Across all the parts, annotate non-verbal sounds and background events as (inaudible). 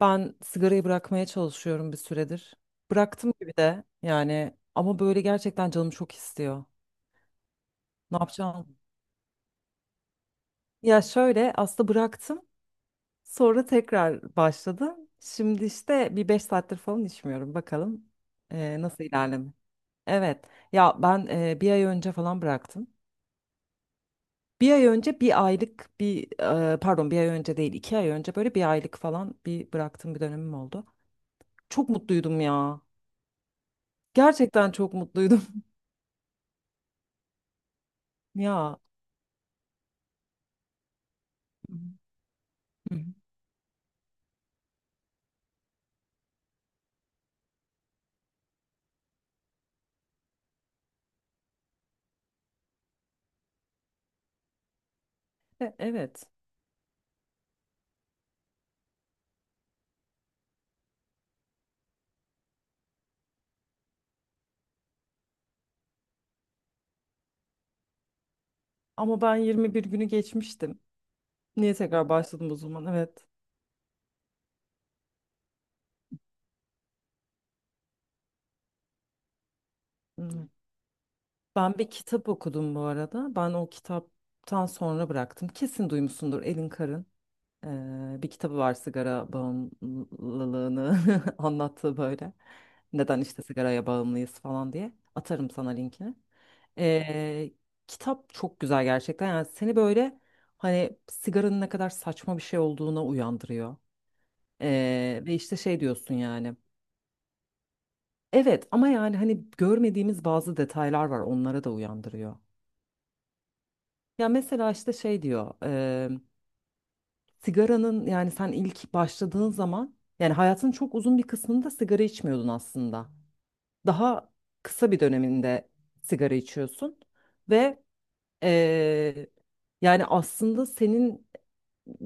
Ben sigarayı bırakmaya çalışıyorum bir süredir. Bıraktım gibi de yani ama böyle gerçekten canım çok istiyor. Ne yapacağım? Ya şöyle aslında bıraktım sonra tekrar başladım. Şimdi işte bir 5 saattir falan içmiyorum bakalım nasıl ilerleme. Evet, ya ben 1 ay önce falan bıraktım. Bir ay önce 1 aylık bir pardon, 1 ay önce değil 2 ay önce böyle 1 aylık falan bir bıraktığım bir dönemim oldu. Çok mutluydum ya. Gerçekten çok mutluydum. (laughs) Ya. Hı hı. Evet. Ama ben 21 günü geçmiştim. Niye tekrar başladım o zaman? Evet. Hı. Ben bir kitap okudum bu arada. Ben o kitaptan sonra bıraktım. Kesin duymuşsundur Elin Kar'ın bir kitabı var, sigara bağımlılığını (laughs) anlattığı böyle. Neden işte sigaraya bağımlıyız falan diye. Atarım sana linkini. E, Kitap çok güzel gerçekten. Yani seni böyle hani sigaranın ne kadar saçma bir şey olduğuna uyandırıyor. Ve işte şey diyorsun yani. Evet ama yani hani görmediğimiz bazı detaylar var, onlara da uyandırıyor. Ya mesela işte şey diyor. Sigaranın, yani sen ilk başladığın zaman, yani hayatın çok uzun bir kısmında sigara içmiyordun aslında. Daha kısa bir döneminde sigara içiyorsun ve e, yani aslında senin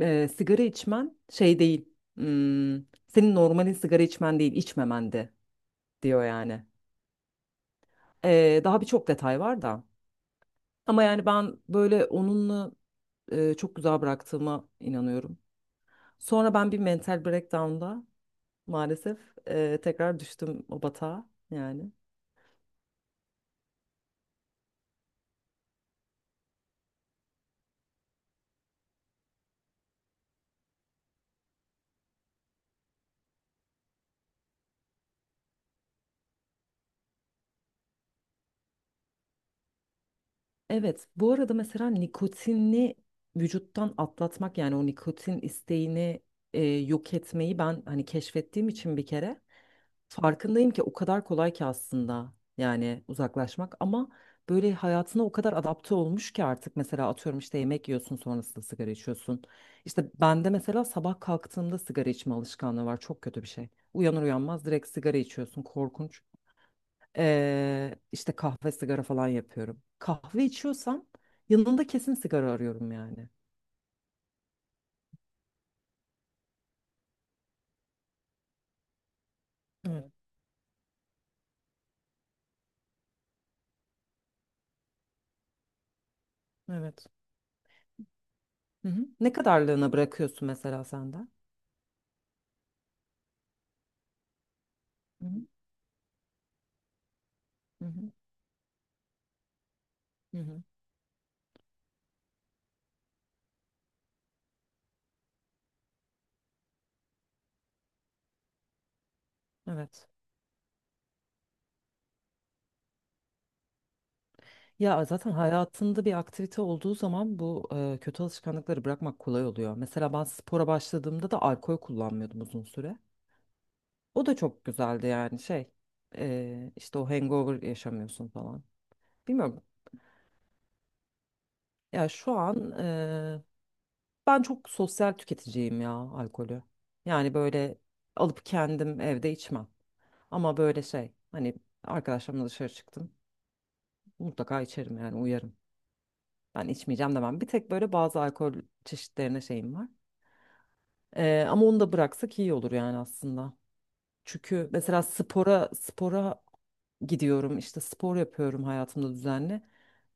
sigara içmen şey değil. hmm, Senin normalin sigara içmen değil, içmemendi diyor yani. Daha birçok detay var da. Ama yani ben böyle onunla çok güzel bıraktığıma inanıyorum. Sonra ben bir mental breakdown'da maalesef tekrar düştüm o batağa yani. Evet, bu arada mesela nikotini vücuttan atlatmak, yani o nikotin isteğini yok etmeyi ben hani keşfettiğim için bir kere farkındayım ki o kadar kolay ki aslında yani uzaklaşmak, ama böyle hayatına o kadar adapte olmuş ki artık mesela atıyorum işte yemek yiyorsun sonrasında sigara içiyorsun. İşte bende mesela sabah kalktığımda sigara içme alışkanlığı var, çok kötü bir şey. Uyanır uyanmaz direkt sigara içiyorsun, korkunç. İşte kahve sigara falan yapıyorum. Kahve içiyorsam yanında kesin sigara arıyorum yani. Evet. Evet. Hı hı. Ne kadarlığına bırakıyorsun mesela senden? Hı hı. Hı hı. Hı hı. Evet. Ya zaten hayatında bir aktivite olduğu zaman bu kötü alışkanlıkları bırakmak kolay oluyor. Mesela ben spora başladığımda da alkol kullanmıyordum uzun süre. O da çok güzeldi yani şey, işte o hangover yaşamıyorsun falan. Bilmiyorum, ya şu an ben çok sosyal tüketiciyim ya alkolü. Yani böyle alıp kendim evde içmem. Ama böyle şey hani arkadaşlarımla dışarı çıktım mutlaka içerim yani, uyarım. Ben içmeyeceğim demem. Bir tek böyle bazı alkol çeşitlerine şeyim var. Ama onu da bıraksak iyi olur yani aslında. Çünkü mesela spora gidiyorum, işte spor yapıyorum hayatımda düzenli.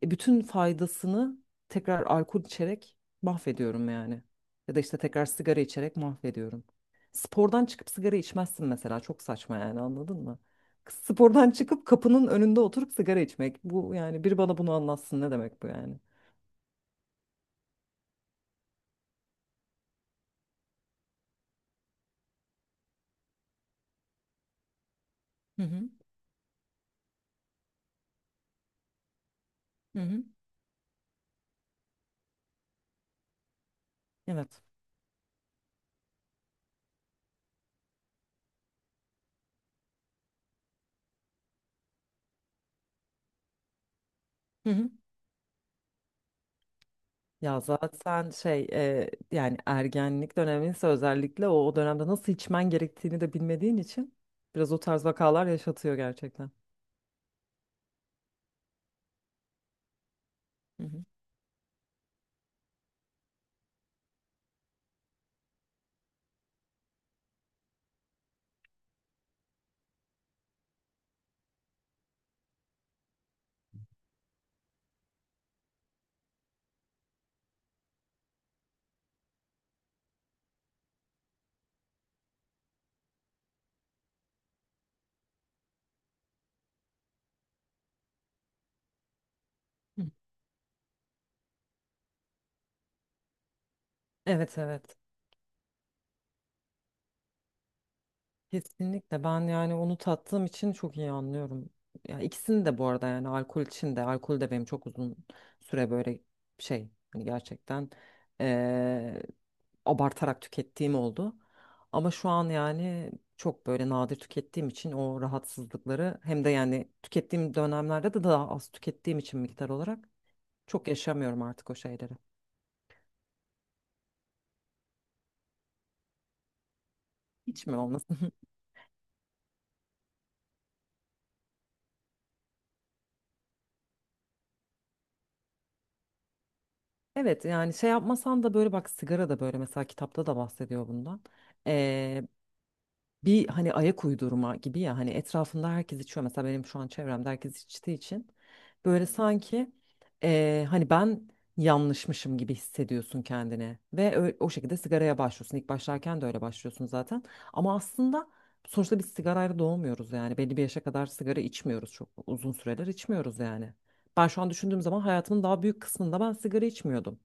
Bütün faydasını tekrar alkol içerek mahvediyorum yani. Ya da işte tekrar sigara içerek mahvediyorum. Spordan çıkıp sigara içmezsin mesela, çok saçma yani, anladın mı? Spordan çıkıp kapının önünde oturup sigara içmek. Bu, yani biri bana bunu anlatsın, ne demek bu yani? Hı hı, hı hı. Evet. Ya zaten şey yani ergenlik döneminde özellikle o dönemde nasıl içmen gerektiğini de bilmediğin için biraz o tarz vakalar yaşatıyor gerçekten. Hı hı. Hı. Evet, evet, kesinlikle, ben yani onu tattığım için çok iyi anlıyorum. Ya ikisini de bu arada, yani alkol için de, alkol de benim çok uzun süre böyle şey hani gerçekten abartarak tükettiğim oldu. Ama şu an yani çok böyle nadir tükettiğim için o rahatsızlıkları, hem de yani tükettiğim dönemlerde de daha az tükettiğim için miktar olarak, çok yaşamıyorum artık o şeyleri. Hiç mi olmasın? (laughs) Evet yani şey yapmasan da, böyle bak, sigara da böyle mesela, kitapta da bahsediyor bundan. Bir hani ayak uydurma gibi, ya hani etrafında herkes içiyor, mesela benim şu an çevremde herkes içtiği için böyle sanki hani ben yanlışmışım gibi hissediyorsun kendini ve o şekilde sigaraya başlıyorsun, ilk başlarken de öyle başlıyorsun zaten. Ama aslında sonuçta biz sigarayla doğmuyoruz yani, belli bir yaşa kadar sigara içmiyoruz, çok uzun süreler içmiyoruz yani. Ben şu an düşündüğüm zaman hayatımın daha büyük kısmında ben sigara içmiyordum,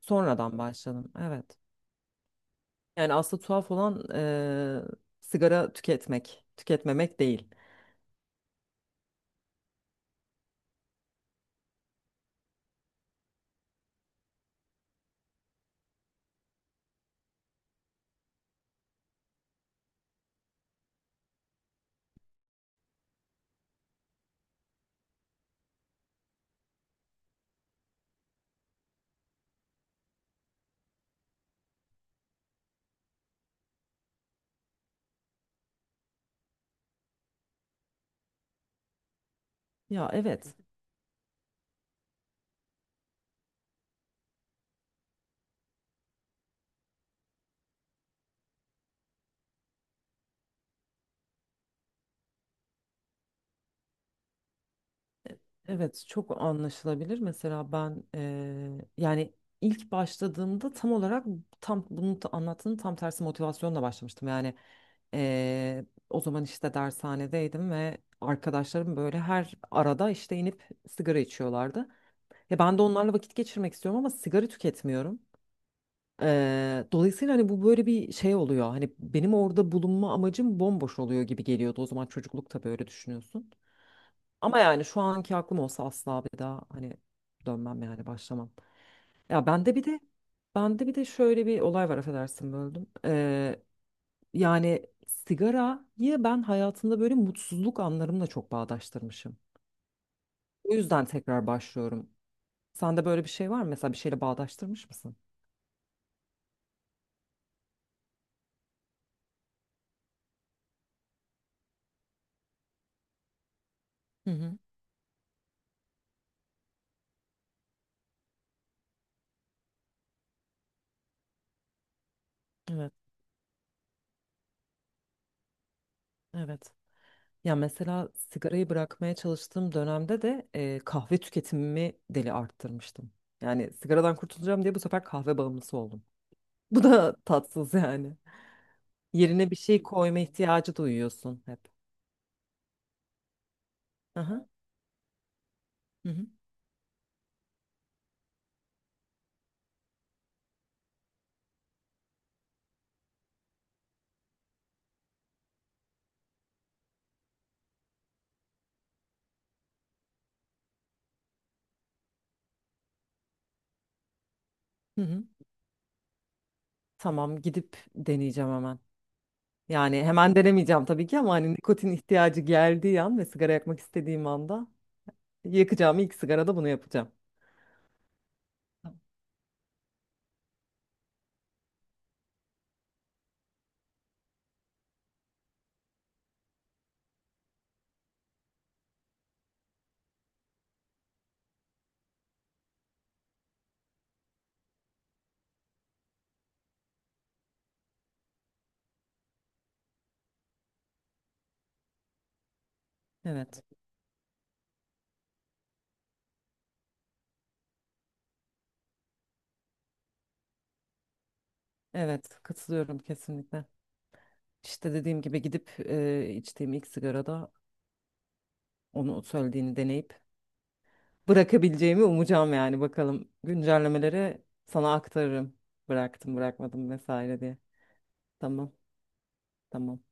sonradan başladım. Evet, yani aslında tuhaf olan sigara tüketmek, tüketmemek değil. Ya evet, evet, çok anlaşılabilir. Mesela ben yani ilk başladığımda tam olarak tam bunu anlattığın tam tersi motivasyonla başlamıştım. Yani eee, o zaman işte dershanedeydim ve arkadaşlarım böyle her arada işte inip sigara içiyorlardı. Ya ben de onlarla vakit geçirmek istiyorum ama sigara tüketmiyorum. Dolayısıyla hani bu böyle bir şey oluyor. Hani benim orada bulunma amacım bomboş oluyor gibi geliyordu. O zaman çocukluk, tabii öyle düşünüyorsun. Ama yani şu anki aklım olsa asla bir daha hani dönmem yani, başlamam. Ya bende bir de şöyle bir olay var, affedersin böldüm. Yani sigarayı ben hayatımda böyle mutsuzluk anlarımla çok bağdaştırmışım. O yüzden tekrar başlıyorum. Sende böyle bir şey var mı? Mesela bir şeyle bağdaştırmış mısın? Hı hı. Evet, evet. Ya mesela sigarayı bırakmaya çalıştığım dönemde de kahve tüketimimi deli arttırmıştım. Yani sigaradan kurtulacağım diye bu sefer kahve bağımlısı oldum. (laughs) Bu da tatsız yani. Yerine bir şey koyma ihtiyacı duyuyorsun hep. Aha. Hı hı. Hı hı. Tamam, gidip deneyeceğim hemen. Yani hemen denemeyeceğim tabii ki ama hani nikotin ihtiyacı geldiği an ve sigara yakmak istediğim anda, yakacağım ilk sigarada bunu yapacağım. Tamam. Evet. Evet. Katılıyorum kesinlikle. İşte dediğim gibi gidip içtiğim ilk sigarada onu söylediğini deneyip bırakabileceğimi umacağım yani, bakalım. Güncellemeleri sana aktarırım. Bıraktım, bırakmadım vesaire diye. Tamam. Tamam.